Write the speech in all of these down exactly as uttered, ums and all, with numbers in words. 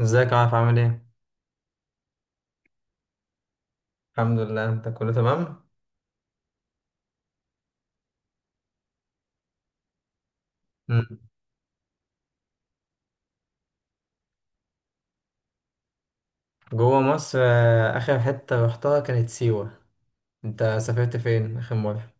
ازيك يا عارف، عامل ايه؟ الحمد لله، انت كله تمام؟ مم. جوه مصر، آه، اخر حتة رحتها كانت سيوة. انت سافرت فين اخر مرة؟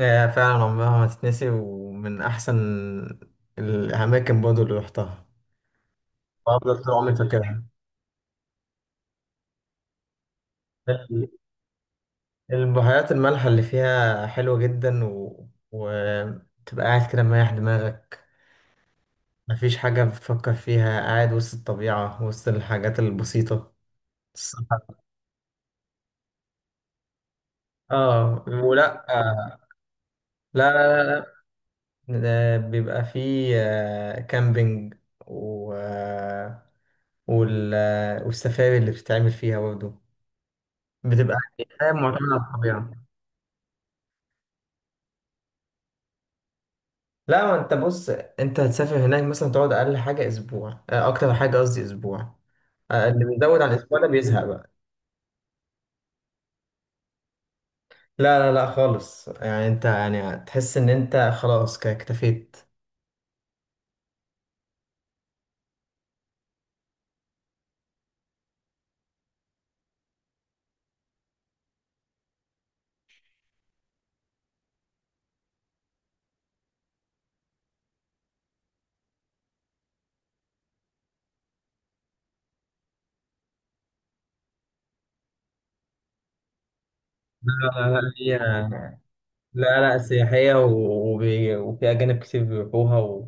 آه، فعلا عمرها ما تتنسي، ومن احسن الاماكن برضه اللي رحتها، وافضل طول عمري فاكرها. البحيرات المالحة اللي فيها حلوة جدا و... وتبقى قاعد كده مريح دماغك. مفيش حاجة بتفكر فيها، قاعد وسط الطبيعة، وسط الحاجات البسيطة. الصحة. اه ولا. لا لا لا لا. ده بيبقى فيه آه، كامبينج، و... آه، وال... آه، والسفاري اللي بتتعمل فيها برضه، بتبقى حياة معتمدة على الطبيعة. لا، ما انت بص، انت هتسافر هناك مثلا، تقعد اقل حاجة اسبوع، آه، اكتر حاجة قصدي اسبوع. آه، اللي بيزود عن الاسبوع ده بيزهق بقى. لا لا لا خالص، يعني انت يعني تحس ان انت خلاص كده اكتفيت. لا لا لا، هي لا لا، سياحية و- وبي- وفي أجانب كتير بيروحوها.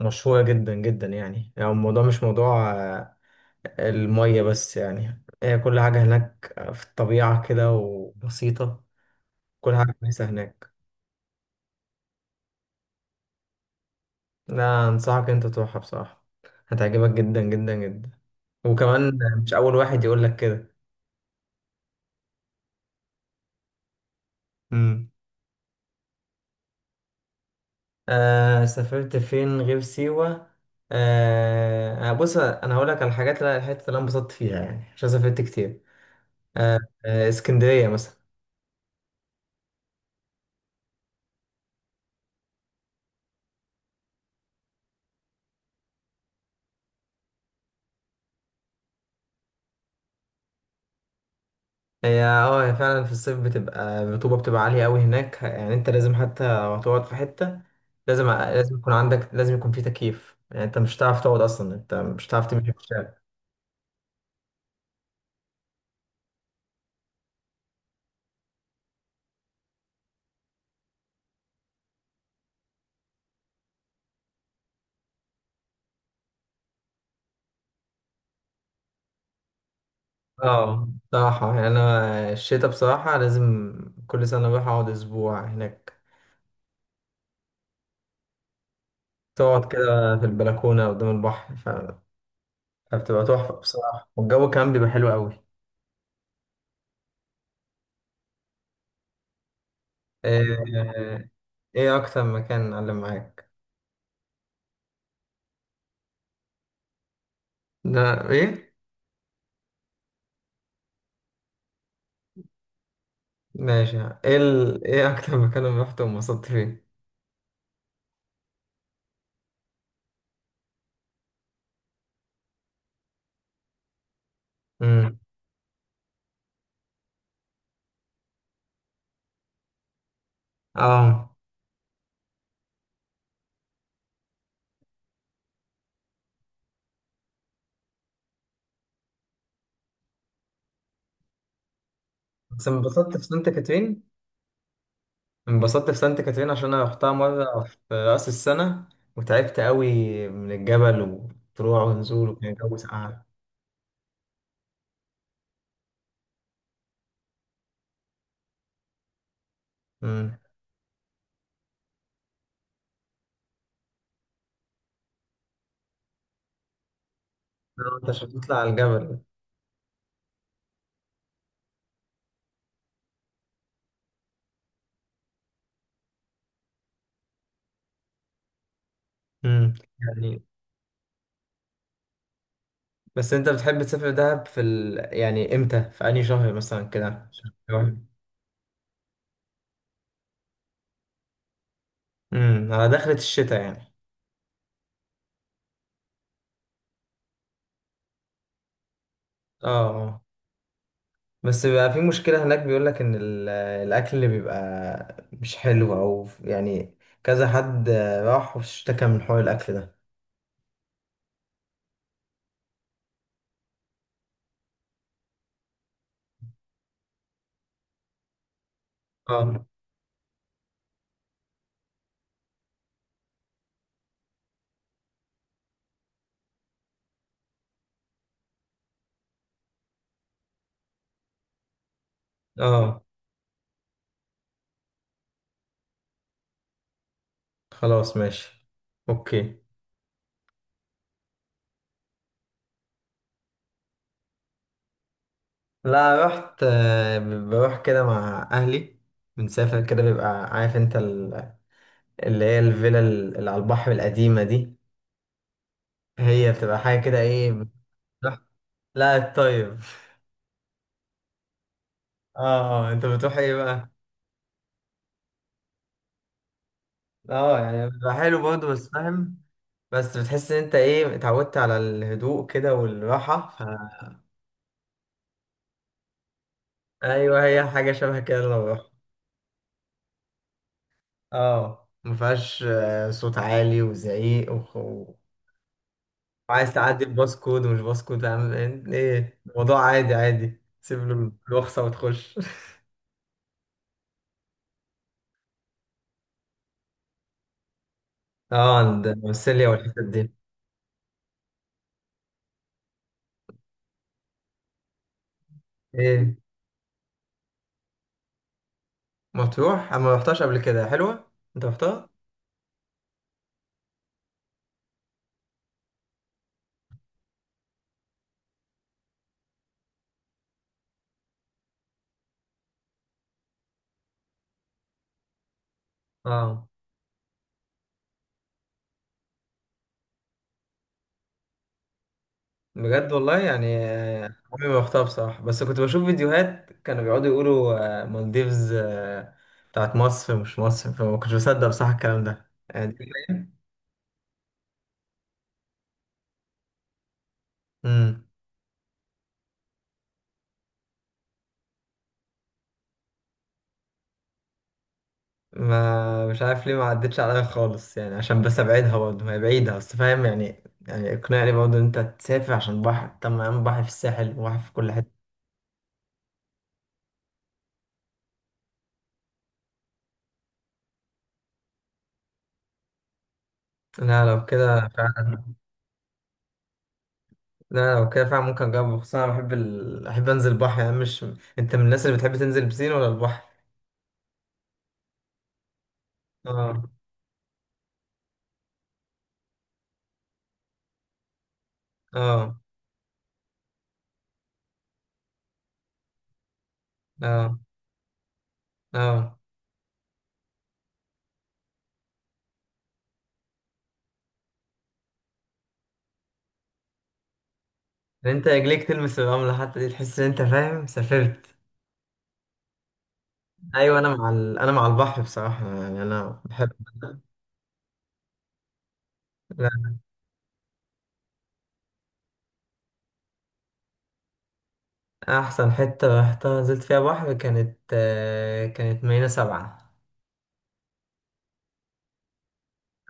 ومشهورة جدا جدا، يعني يعني الموضوع مش موضوع آه، المية بس، يعني هي كل حاجة هناك في الطبيعة كده وبسيطة، كل حاجة كويسة هناك. لا، أنصحك أنت تروحها بصراحة، هتعجبك جدا جدا جدا، وكمان مش أول واحد يقولك كده. مم. آه سافرت فين غير سيوة. آه آه، بص أنا هقولك على الحاجات اللي الحتة اللي أنا انبسطت فيها، يعني عشان سافرت كتير. آه، آه، اسكندرية مثلا. هي اه هي فعلا في الصيف بتبقى الرطوبة بتبقى عالية قوي هناك، يعني انت لازم حتى لو هتقعد في حتة لازم لازم يكون عندك، لازم يكون في تكييف، يعني انت مش هتعرف تقعد اصلا، انت مش هتعرف تمشي في الشارع. اه بصراحة، يعني انا الشتاء بصراحة لازم كل سنة اروح اقعد اسبوع هناك. تقعد كده في البلكونة قدام البحر، ف... فبتبقى تحفة بصراحة، والجو كمان بيبقى حلو قوي. آه، آه، ايه اكتر مكان علم معاك؟ ده ايه؟ ماشي. ايه ال... ايه اكتر مكان رحت وانبسطت فيه؟ امم. اه بس انبسطت في سانت كاترين، انبسطت في سانت كاترين عشان انا رحتها مره في راس السنه، وتعبت قوي من الجبل، وطلوع ونزول، وكان الجو ساقع. امم. آه، انت عشان تطلع على الجبل. امم. يعني، بس انت بتحب تسافر دهب في ال... يعني امتى، في انهي شهر مثلا كده؟ امم، على دخلة الشتاء يعني. اه بس بيبقى في مشكلة هناك، بيقولك إن ال- الأكل اللي بيبقى مش حلو، أو يعني كذا حد راح واشتكى من حوار الأكل ده. اه اه، خلاص ماشي، أوكي. لا رحت، آه، بروح كده مع أهلي، بنسافر كده، بيبقى عارف أنت ال- اللي هي الفيلا اللي على البحر القديمة دي، هي بتبقى حاجة كده، إيه بتروح- لا الطيب. اه. آه، أنت بتروح إيه بقى؟ اه يعني بيبقى حلو برضه، بس فاهم. بس بتحس ان انت ايه، اتعودت على الهدوء كده والراحة، ف... ايوه هي حاجة شبه كده للراحة. اه مفيهاش آه، صوت عالي وزعيق وخ... وعايز تعدي الباس كود، ومش باس كود عامل ايه الموضوع، عادي عادي، تسيب له الرخصة وتخش اه عند السيليا والحتت دي. ايه. مطروح انا ما رحتهاش قبل كده، حلوة؟ انت رحتها؟ اه بجد والله يعني، عمري ما رحتها بصراحة، بس كنت بشوف فيديوهات كانوا بيقعدوا يقولوا آه، مالديفز آه، بتاعت مصر، مش مصر، فما كنتش بصدق بصراحة الكلام ده يعني. امم. ما مش عارف ليه، ما عدتش عليا خالص، يعني عشان بس ابعدها برضه، ما هي بعيدة بس، فاهم، يعني يعني اقنعني برضه ان انت تسافر عشان بحر، طب ما يا عم بحر في الساحل وبحر في كل حتة. لا لو كده فعلا، لا لو كده فعلا ممكن اجرب، خصوصا انا بحب ال... احب انزل بحر، يعني مش، انت من الناس اللي بتحب تنزل بسين ولا البحر؟ اه اه اه اه. ان انت رجليك تلمس الرملة حتى دي، تحس ان انت فاهم سافرت. ايوه، انا مع ال... انا مع البحر بصراحة، يعني انا بحب. لا، احسن حتة رحتها نزلت فيها بحر كانت، آه، كانت مارينا سبعة.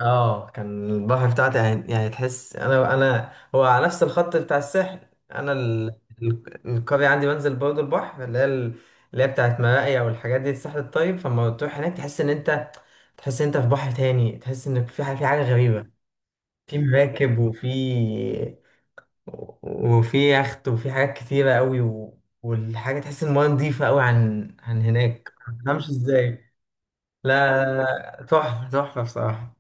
اه كان البحر بتاعتي يعني، يعني تحس انا انا هو على نفس الخط بتاع الساحل. انا ال... ال- القرية عندي بنزل برضه البحر، اللي هي ال- اللي هي بتاعت مراقيا والحاجات دي الساحل الطيب، فلما تروح هناك تحس ان انت، تحس ان انت في بحر تاني، تحس ان في حاجة، في حاجة غريبة. في مراكب، وفي وفي يخت، وفي حاجات كتيرة قوي، و... والحاجة تحس المايه نضيفة قوي، عن عن هناك ما تفهمش ازاي. لا لا، لا، تحفة تحفة بصراحة.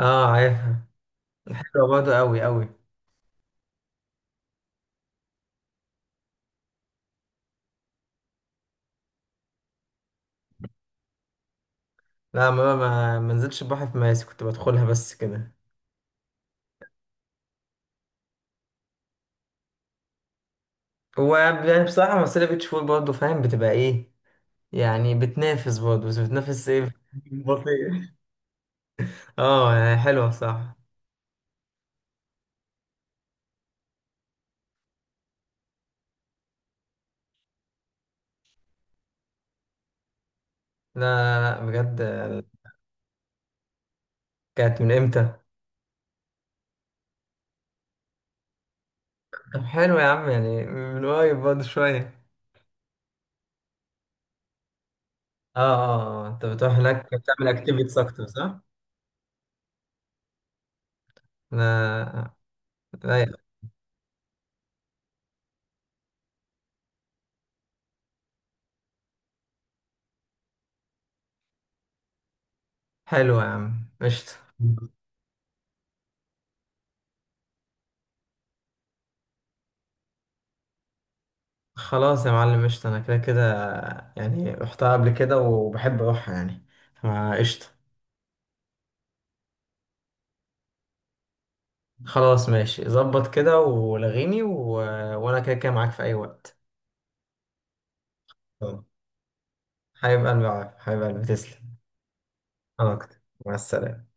اه عارفها. حلوة برضه قوي قوي. لا، ما ما ما نزلتش البحر في مراسي، كنت بدخلها بس كده. هو يعني بصراحة مرسيليا بيتش فول برضه فاهم، بتبقى ايه، يعني بتنافس برضه، بس بتنافس ايه بطيء. اه يعني حلوة صح. لا لا لا بجد. كانت من امتى؟ طب حلو يا عم، يعني من قريب برضه شوية. اه اه، آه، انت بتروح هناك بتعمل اكتيفيتيز اكتر صح؟ لا لا. حلو يا عم قشطة. خلاص يا معلم قشطة، انا كده كده يعني رحتها قبل كده وبحب اروحها يعني، فقشطة. خلاص ماشي، ظبط كده ولغيني، و... وانا كده كده معاك في اي وقت. آه. حبيب قلبي يا عارف، حبيب قلبي تسلم. انا اكتر، مع السلامة.